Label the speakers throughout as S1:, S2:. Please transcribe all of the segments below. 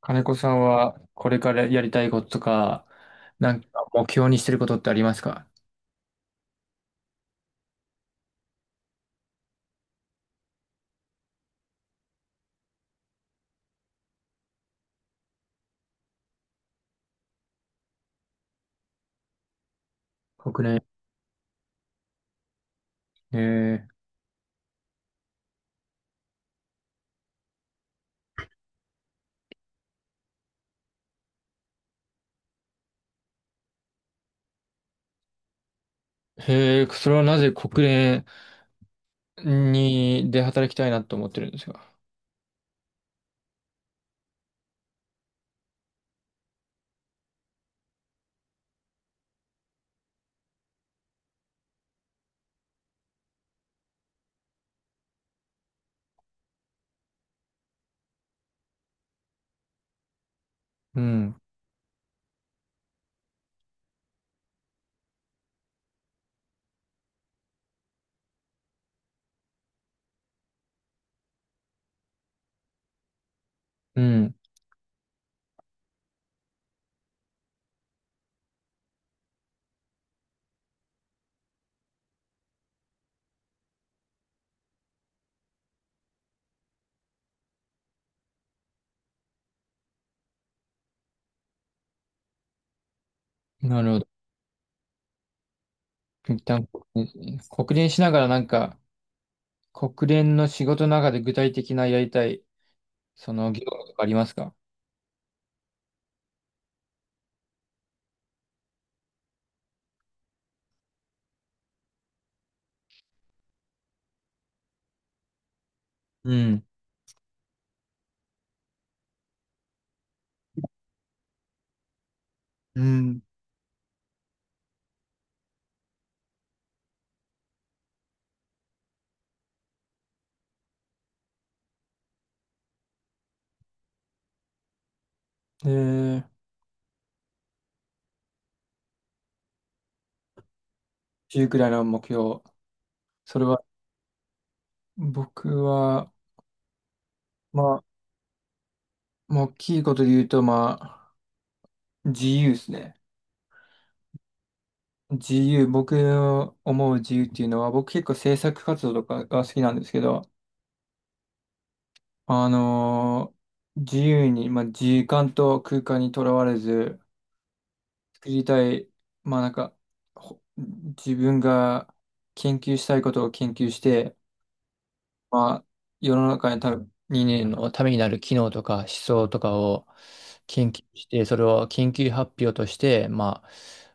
S1: 金子さんはこれからやりたいこととか、なんか目標にしてることってありますか？国連。えー、へえ、それはなぜ国連にで働きたいなと思ってるんですか？うん。うん。なるほど。一旦国連国連しながらなんか、国連の仕事の中で具体的なやりたい、その業務とかありますか？うん。うん。えー、じゅうくらいの目標。それは、僕は、まあ、まあ大きいことで言うと、まあ、自由ですね。自由、僕の思う自由っていうのは、僕結構制作活動とかが好きなんですけど、あのー自由に、まあ、時間と空間にとらわれず、作りたい、まあなんか、ほ自分が研究したいことを研究して、まあ、世の中にたにねんのためになる機能とか思想とかを研究して、それを研究発表として、ま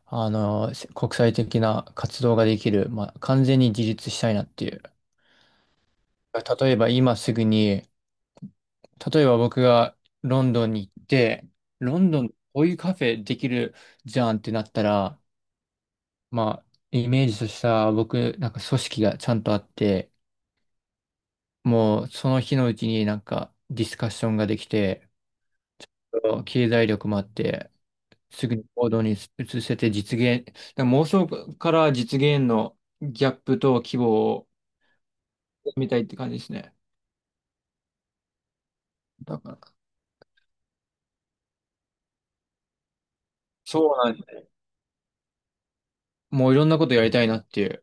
S1: あ、あの、せ国際的な活動ができる、まあ、完全に自立したいなっていう。例えば今すぐに、例えば僕がロンドンに行って、ロンドンこういうカフェできるじゃんってなったら、まあ、イメージとした僕、なんか組織がちゃんとあって、もうその日のうちになんかディスカッションができて、経済力もあって、すぐに行動に移せて実現、だから妄想から実現のギャップと規模を見たいって感じですね。だから、そうなんですね。もういろんなことやりたいなっていう。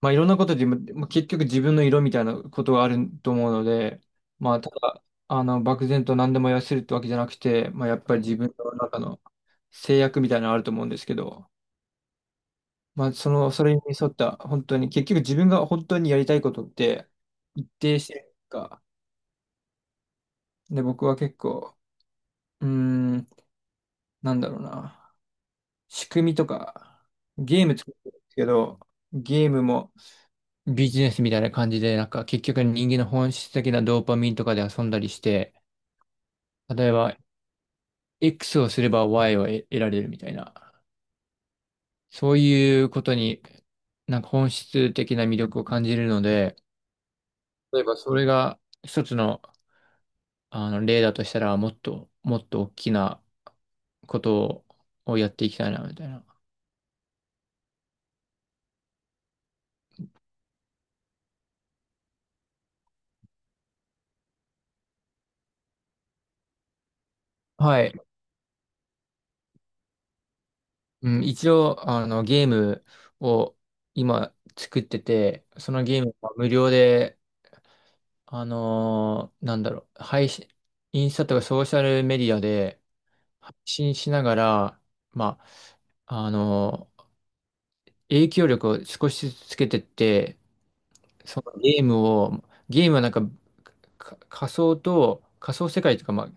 S1: まあいろんなことで、まあ、結局自分の色みたいなことがあると思うので、まあただ、あの、漠然と何でも痩せるってわけじゃなくて、まあやっぱり自分の中の制約みたいなのあると思うんですけど、まあ、その、それに沿った、本当に、結局自分が本当にやりたいことって、一定してるか。で、僕は結構、うーん、なんだろうな。仕組みとか、ゲーム作ってるんですけど、ゲームもビジネスみたいな感じで、なんか結局人間の本質的なドーパミンとかで遊んだりして、例えば X をすれば Y を得得られるみたいな、そういうことになんか本質的な魅力を感じるので、例えばそれが一つのあの、例だとしたら、もっと大きなことをやっていきたいな、みたいな。はい。うん、一応、あの、ゲームを今作ってて、そのゲームは無料で、なんだろう、配信、インスタとかソーシャルメディアで配信しながら、まあ、影響力を少しずつつけてって、そのゲームを、ゲームはなんかか仮想と、仮想世界というか、まあ、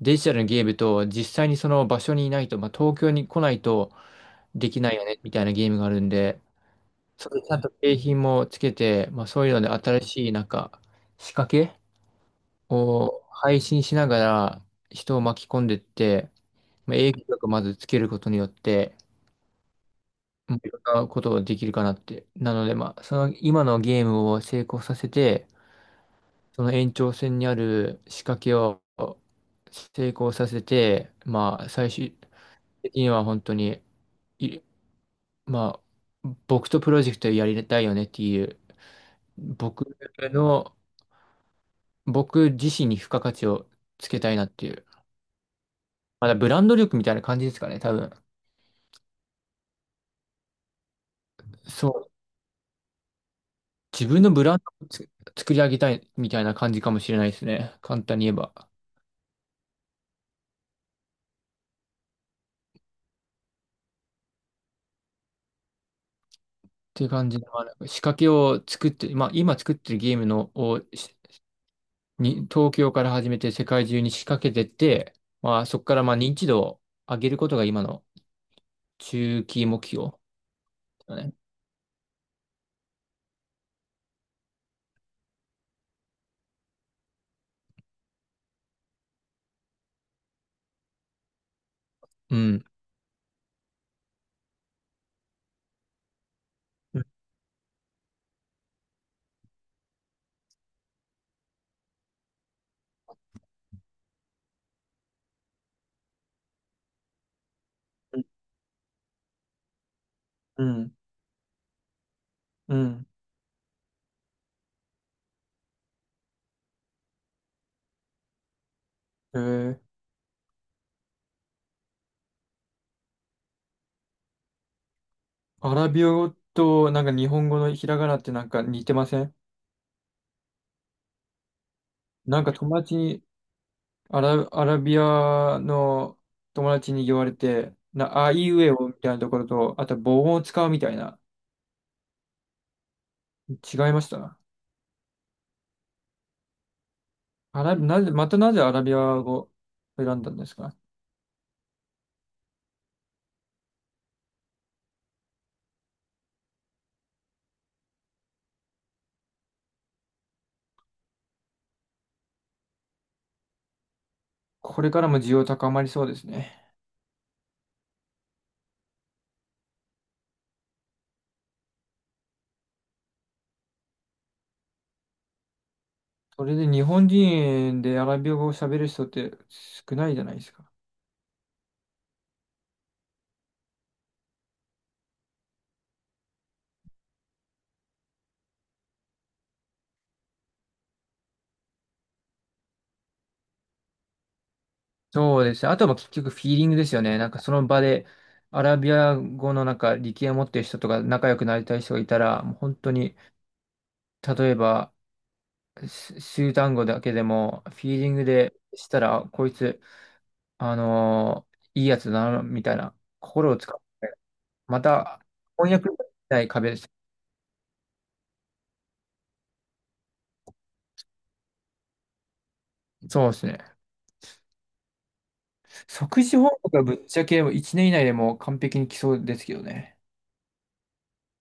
S1: デジタルのゲームと、実際にその場所にいないと、まあ、東京に来ないとできないよね、みたいなゲームがあるんで、それちゃんと景品もつけて、まあ、そういうので新しい、なんか、仕掛けを配信しながら人を巻き込んでって、まあ、影響力をまずつけることによって、まあいろんなことができるかなって。なので、まあ、その今のゲームを成功させて、その延長線にある仕掛けを成功させて、まあ、最終的には本当に、いまあ、僕とプロジェクトやりたいよねっていう、僕の、僕自身に付加価値をつけたいなっていう、まだブランド力みたいな感じですかね、多分。そう、自分のブランドをつ作り上げたいみたいな感じかもしれないですね、簡単に言えば。っていう感じで、まあ、なんか仕掛けを作って、まあ、今作ってるゲームのをに、東京から始めて世界中に仕掛けてって、まあそこからまあ認知度を上げることが今の中期目標だね。うん。うん、うん。えー、アラビア語となんか日本語のひらがなってなんか似てません？なんか友達に、アラ、アラビアの友達に言われて、な、あいうえおみたいなところと、あと母音を使うみたいな、違いました？アラビ、なぜ、またなぜアラビア語を選んだんですか？これからも需要高まりそうですね。それで日本人でアラビア語を喋る人って少ないじゃないですか。そうですね。あとは結局フィーリングですよね。なんかその場でアラビア語のなんか力を持ってる人とか仲良くなりたい人がいたら、もう本当に、例えば、す数単語だけでもフィーリングでしたら、あこいつ、いいやつだな、みたいな心を使って、また、翻訳、そうですね。即時翻訳がぶっちゃけ1年以内でもう完璧に来そうですけどね。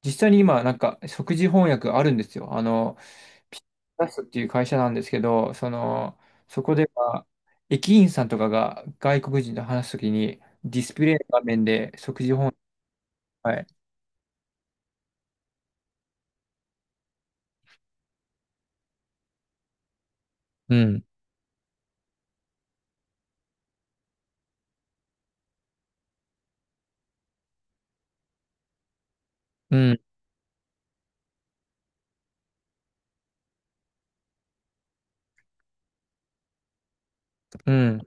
S1: 実際に今、なんか、即時翻訳あるんですよ。あの、ピタスっていう会社なんですけど、その、そこでは、駅員さんとかが外国人と話すときに、ディスプレイの画面で即時翻訳、はい。うん、うん、うん。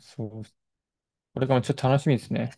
S1: そう。これからもちょっと楽しみですね。